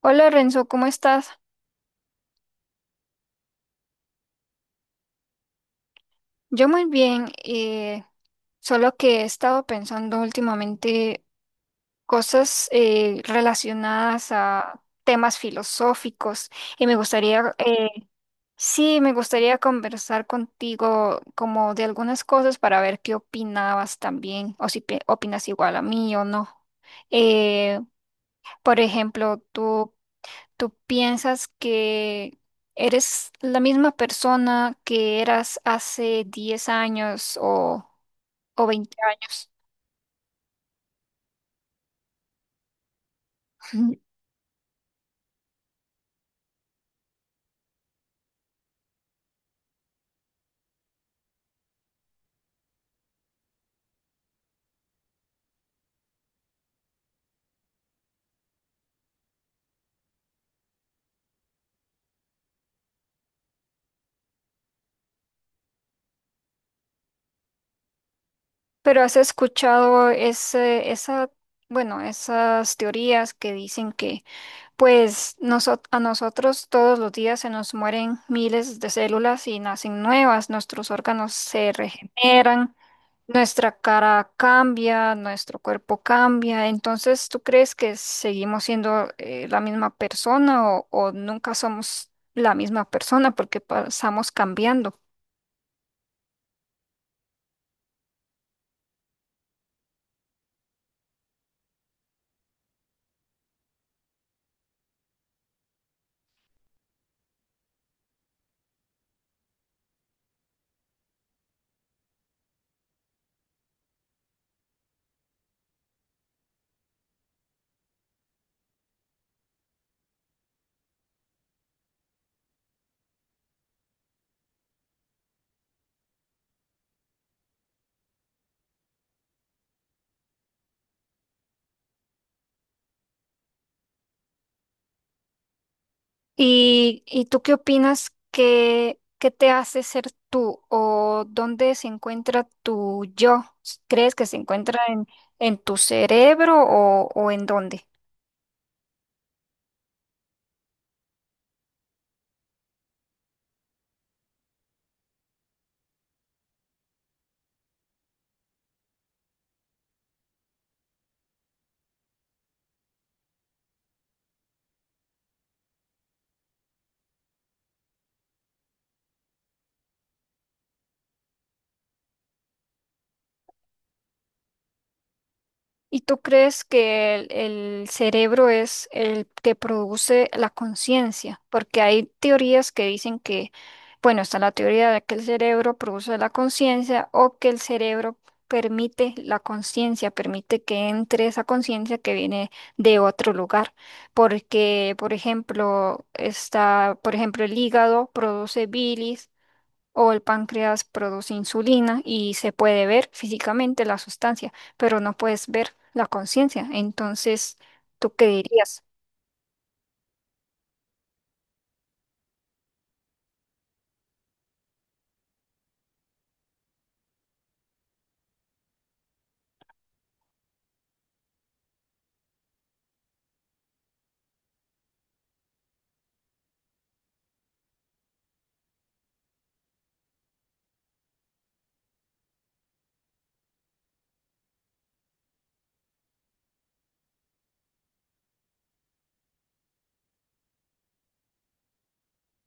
Hola Renzo, ¿cómo estás? Yo muy bien, solo que he estado pensando últimamente cosas relacionadas a temas filosóficos y me gustaría, sí, me gustaría conversar contigo como de algunas cosas para ver qué opinabas también o si opinas igual a mí o no. Eh, por ejemplo, ¿tú piensas que eres la misma persona que eras hace 10 años o 20 años? Pero has escuchado esas teorías que dicen que, pues, a nosotros todos los días se nos mueren miles de células y nacen nuevas, nuestros órganos se regeneran, nuestra cara cambia, nuestro cuerpo cambia. Entonces, ¿tú crees que seguimos siendo la misma persona o nunca somos la misma persona porque pasamos cambiando? Y tú qué opinas? ¿Qué, qué te hace ser tú o dónde se encuentra tu yo? ¿Crees que se encuentra en tu cerebro o en dónde? ¿Y tú crees que el cerebro es el que produce la conciencia? Porque hay teorías que dicen que, bueno, está la teoría de que el cerebro produce la conciencia o que el cerebro permite la conciencia, permite que entre esa conciencia que viene de otro lugar. Porque, por ejemplo, por ejemplo, el hígado produce bilis o el páncreas produce insulina y se puede ver físicamente la sustancia, pero no puedes ver la conciencia. Entonces, ¿tú qué dirías?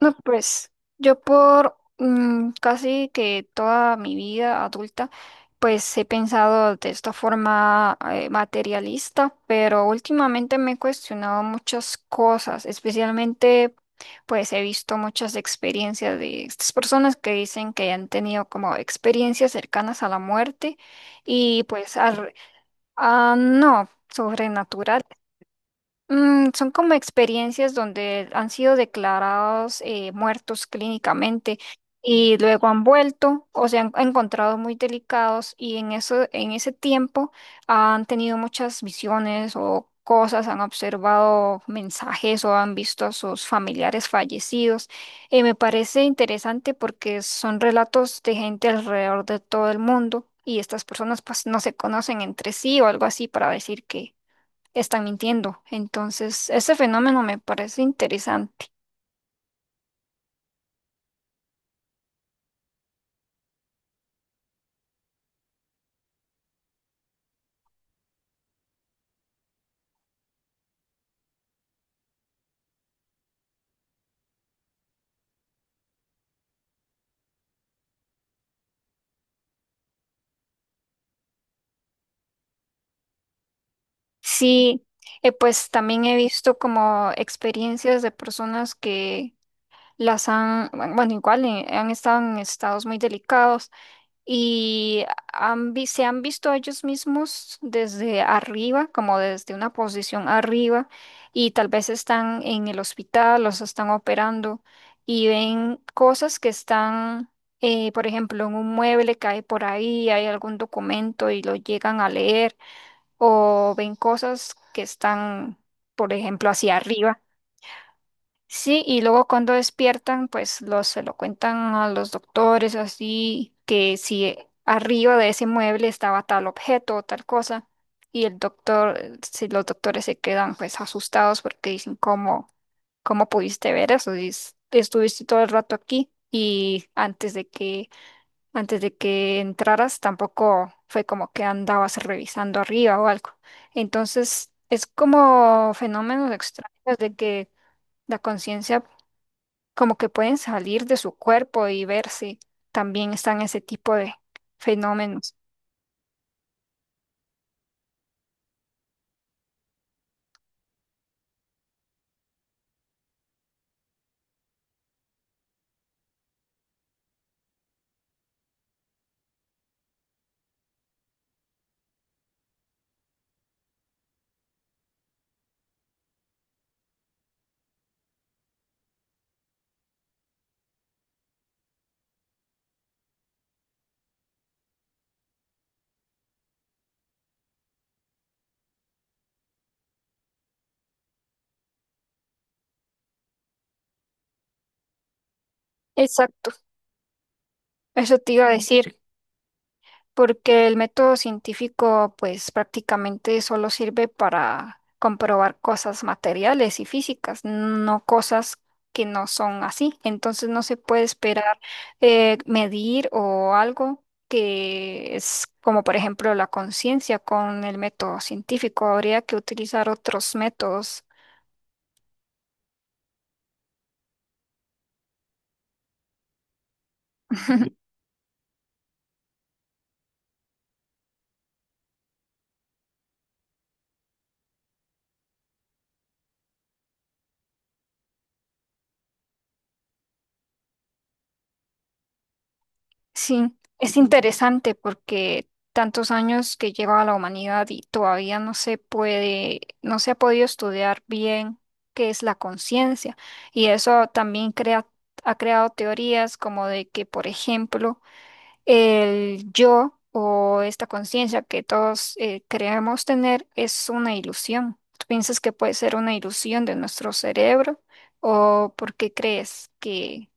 No, pues yo por casi que toda mi vida adulta, pues he pensado de esta forma materialista, pero últimamente me he cuestionado muchas cosas, especialmente pues he visto muchas experiencias de estas personas que dicen que han tenido como experiencias cercanas a la muerte y pues no, sobrenatural. Mm, son como experiencias donde han sido declarados muertos clínicamente y luego han vuelto o se han encontrado muy delicados y en eso, en ese tiempo han tenido muchas visiones o cosas, han observado mensajes o han visto a sus familiares fallecidos. Me parece interesante porque son relatos de gente alrededor de todo el mundo y estas personas pues no se conocen entre sí o algo así para decir que están mintiendo. Entonces, ese fenómeno me parece interesante. Sí, pues también he visto como experiencias de personas que las han, bueno, igual han estado en estados muy delicados y se han visto a ellos mismos desde arriba, como desde una posición arriba, y tal vez están en el hospital, los están operando y ven cosas que están, por ejemplo, en un mueble cae por ahí, hay algún documento y lo llegan a leer, o ven cosas que están, por ejemplo, hacia arriba. Sí, y luego cuando despiertan, pues los, se lo cuentan a los doctores, así que si arriba de ese mueble estaba tal objeto o tal cosa, y el doctor, si los doctores se quedan pues asustados porque dicen, ¿cómo, cómo pudiste ver eso? Si es- Estuviste todo el rato aquí y antes de que entraras tampoco fue como que andabas revisando arriba o algo. Entonces, es como fenómenos extraños de que la conciencia como que pueden salir de su cuerpo y verse. También están ese tipo de fenómenos. Exacto, eso te iba a decir, porque el método científico pues prácticamente solo sirve para comprobar cosas materiales y físicas, no cosas que no son así. Entonces no se puede esperar medir o algo que es como por ejemplo la conciencia con el método científico. Habría que utilizar otros métodos. Sí, es interesante porque tantos años que lleva la humanidad y todavía no se puede, no se ha podido estudiar bien qué es la conciencia. Y eso también crea, ha creado teorías como de que, por ejemplo, el yo o esta conciencia que todos creemos tener es una ilusión. ¿Tú piensas que puede ser una ilusión de nuestro cerebro? ¿O por qué crees que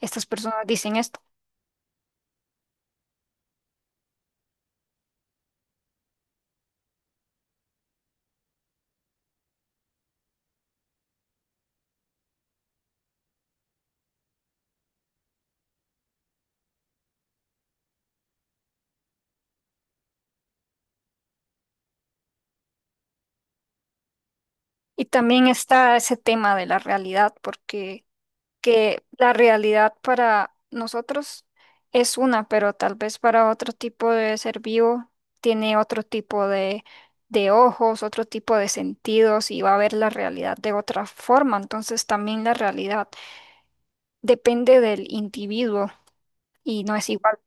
estas personas dicen esto? Y también está ese tema de la realidad, porque que la realidad para nosotros es una, pero tal vez para otro tipo de ser vivo tiene otro tipo de ojos, otro tipo de sentidos y va a ver la realidad de otra forma. Entonces también la realidad depende del individuo y no es igual.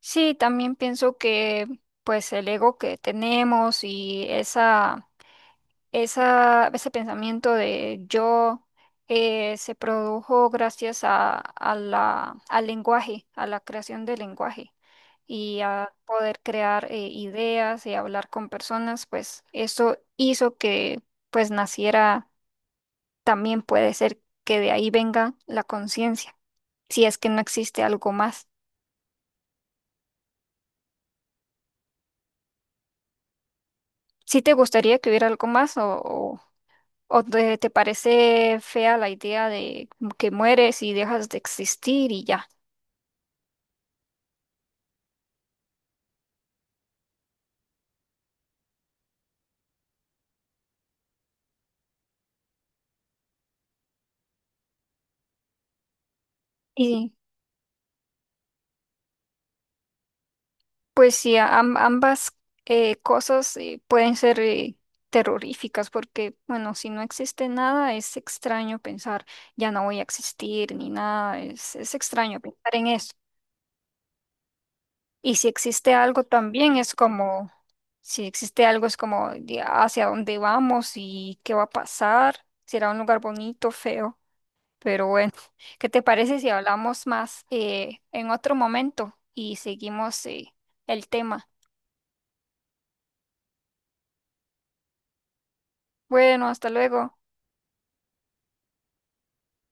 Sí, también pienso que pues el ego que tenemos y ese pensamiento de yo se produjo gracias a la, al lenguaje, a la creación del lenguaje y a poder crear ideas y hablar con personas, pues eso hizo que pues naciera, también puede ser que de ahí venga la conciencia, si es que no existe algo más. ¿Si te gustaría que hubiera algo más o te parece fea la idea de que mueres y dejas de existir y ya? Y pues sí, ambas cosas pueden ser terroríficas porque, bueno, si no existe nada, es extraño pensar, ya no voy a existir ni nada, es extraño pensar en eso. Y si existe algo también es como, si existe algo es como de hacia dónde vamos y qué va a pasar, será un lugar bonito, feo, pero bueno, ¿qué te parece si hablamos más en otro momento y seguimos el tema? Bueno, hasta luego.